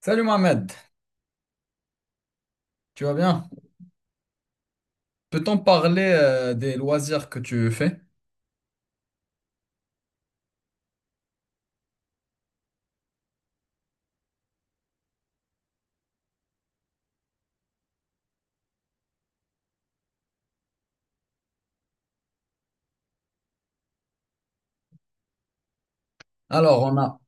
Salut Mohamed, tu vas bien? Peut-on parler des loisirs que tu fais? Alors on a,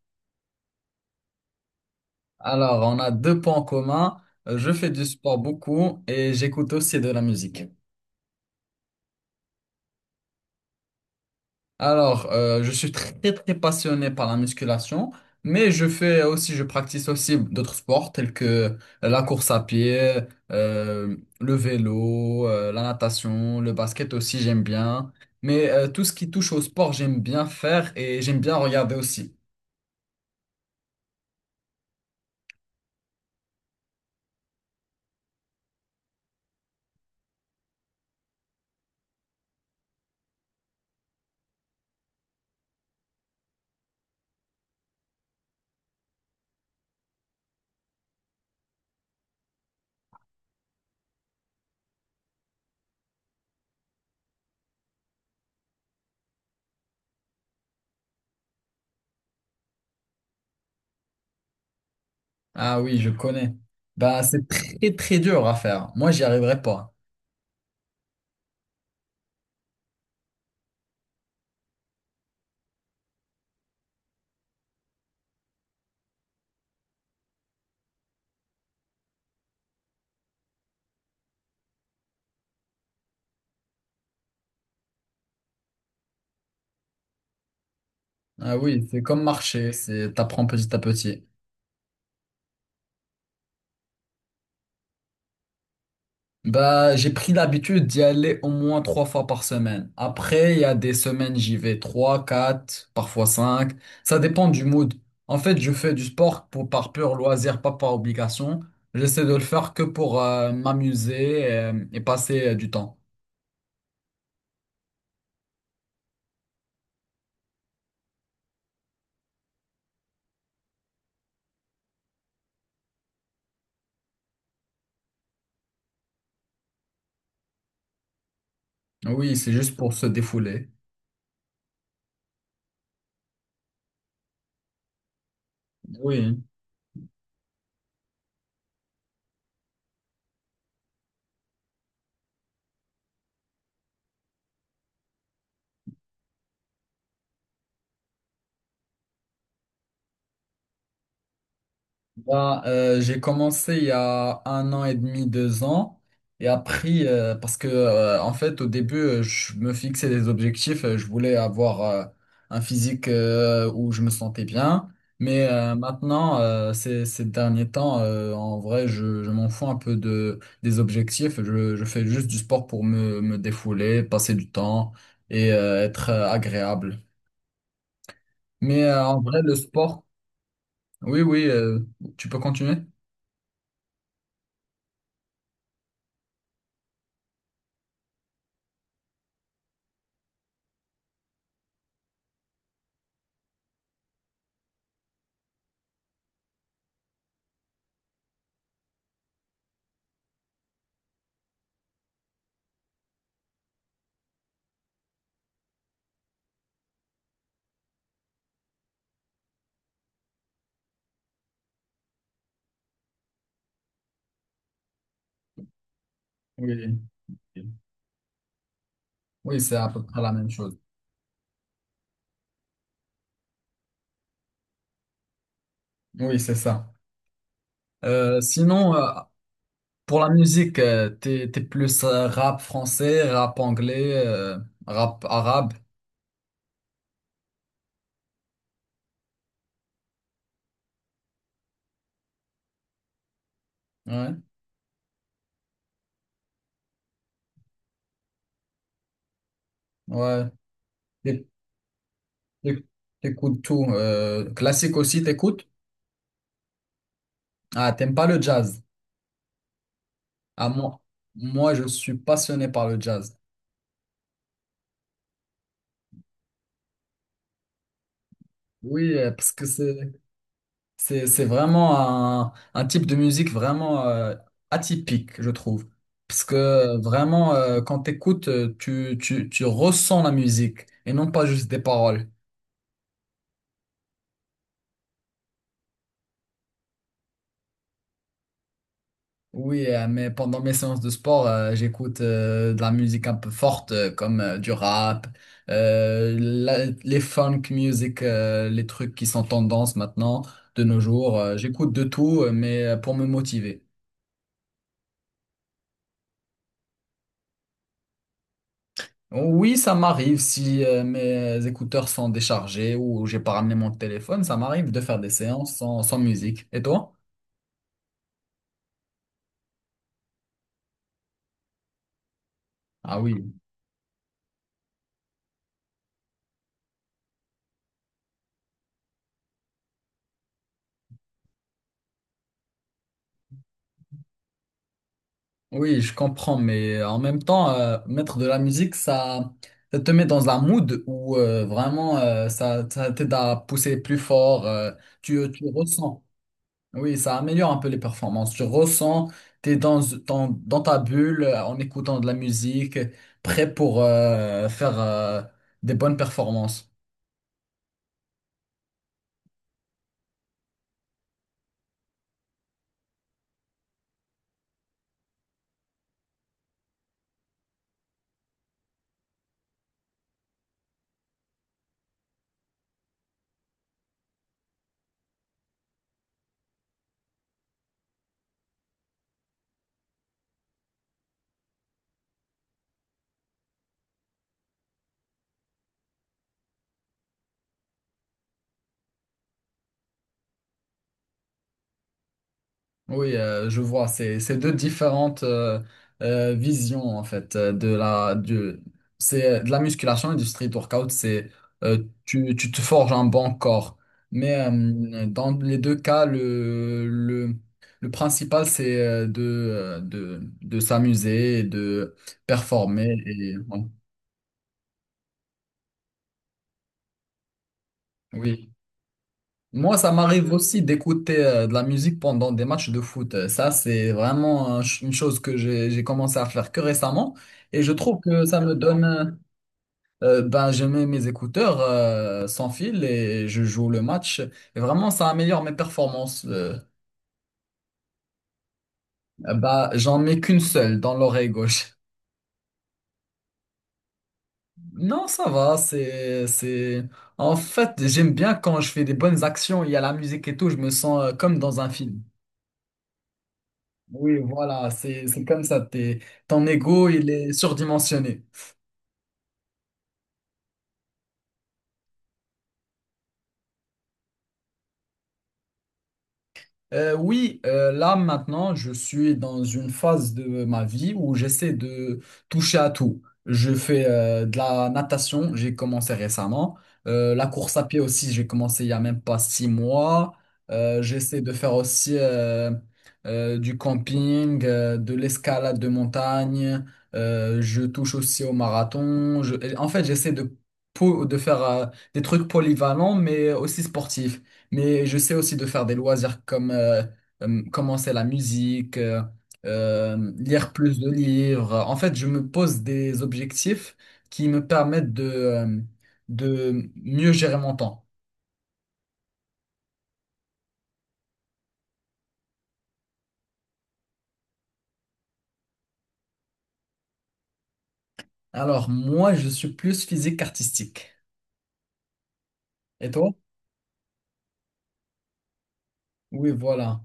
alors on a deux points communs. Je fais du sport beaucoup et j'écoute aussi de la musique. Alors je suis très très passionné par la musculation, mais je practice aussi d'autres sports tels que la course à pied, le vélo, la natation, le basket aussi j'aime bien. Mais tout ce qui touche au sport j'aime bien faire et j'aime bien regarder aussi. Ah oui, je connais. Bah, c'est très très dur à faire. Moi, j'y arriverai pas. Ah oui, c'est comme marcher, c'est t'apprends petit à petit. Bah, j'ai pris l'habitude d'y aller au moins 3 fois par semaine. Après, il y a des semaines, j'y vais 3, 4, parfois 5. Ça dépend du mood. En fait, je fais du sport pour par pur loisir, pas par obligation. J'essaie de le faire que pour m'amuser et, passer du temps. Oui, c'est juste pour se défouler. Oui. Ben, j'ai commencé il y a 1 an et demi, 2 ans. Et après, parce que en fait, au début, je me fixais des objectifs. Je voulais avoir un physique où je me sentais bien. Mais maintenant, ces derniers temps, en vrai, je m'en fous un peu des objectifs. Je fais juste du sport pour me défouler, passer du temps et être agréable. Mais en vrai, le sport. Oui, oui, tu peux continuer? Oui. Oui, c'est à peu près la même chose. Oui, c'est ça. Sinon, pour la musique, t'es plus rap français, rap anglais, rap arabe. Ouais, ouais. T'é- t'é- T'écoutes tout. Classique aussi, t'écoutes? Ah, t'aimes pas le jazz? Ah, moi, moi, je suis passionné par le jazz. Oui, parce que c'est C'est vraiment un type de musique vraiment atypique, je trouve. Parce que vraiment, quand t'écoutes, tu ressens la musique et non pas juste des paroles. Oui, mais pendant mes séances de sport, j'écoute de la musique un peu forte, comme du rap, les funk music, les trucs qui sont tendance maintenant, de nos jours. J'écoute de tout, mais pour me motiver. Oui, ça m'arrive si mes écouteurs sont déchargés ou j'ai pas ramené mon téléphone, ça m'arrive de faire des séances sans musique. Et toi? Ah oui, oui, je comprends, mais en même temps, mettre de la musique, ça te met dans un mood où vraiment ça t'aide à pousser plus fort. Tu ressens. Oui, ça améliore un peu les performances. Tu ressens, t'es dans ta bulle en écoutant de la musique, prêt pour faire des bonnes performances. Oui, je vois, c'est deux différentes visions en fait de la musculation et du street workout, c'est tu te forges un bon corps. Mais dans les deux cas, le principal c'est de s'amuser et de performer et ouais. Oui. Moi, ça m'arrive aussi d'écouter de la musique pendant des matchs de foot. Ça, c'est vraiment une chose que j'ai commencé à faire que récemment. Et je trouve que ça me donne. Ben, je mets mes écouteurs sans fil et je joue le match. Et vraiment, ça améliore mes performances. Bah, j'en mets qu'une seule dans l'oreille gauche. Non, ça va, En fait, j'aime bien quand je fais des bonnes actions, il y a la musique et tout, je me sens comme dans un film. Oui, voilà, c'est comme ça. Ton ego, il est surdimensionné. Oui, là maintenant, je suis dans une phase de ma vie où j'essaie de toucher à tout. Je fais de la natation, j'ai commencé récemment. La course à pied aussi, j'ai commencé il y a même pas 6 mois. J'essaie de faire aussi du camping, de l'escalade de montagne. Je touche aussi au marathon. En fait, j'essaie de faire des trucs polyvalents, mais aussi sportifs. Mais je sais aussi de faire des loisirs comme commencer la musique, lire plus de livres. En fait, je me pose des objectifs qui me permettent de mieux gérer mon temps. Alors, moi, je suis plus physique qu'artistique. Et toi? Oui, voilà.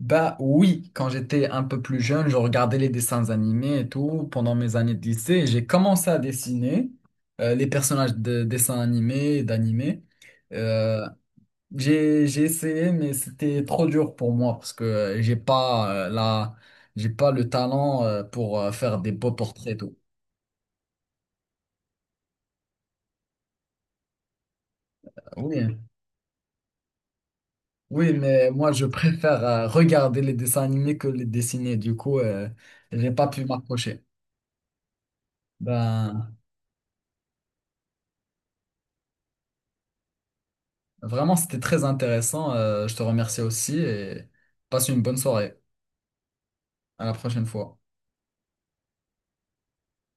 Bah oui, quand j'étais un peu plus jeune, je regardais les dessins animés et tout pendant mes années de lycée. Et j'ai commencé à dessiner les personnages de dessins animés et d'animés. euh, j'ai essayé, mais c'était trop dur pour moi parce que j'ai pas le talent pour faire des beaux portraits et tout. Oui, oui, mais moi je préfère regarder les dessins animés que les dessiner. Du coup, j'ai pas pu m'accrocher. Ben, vraiment, c'était très intéressant. Je te remercie aussi et passe une bonne soirée. À la prochaine fois.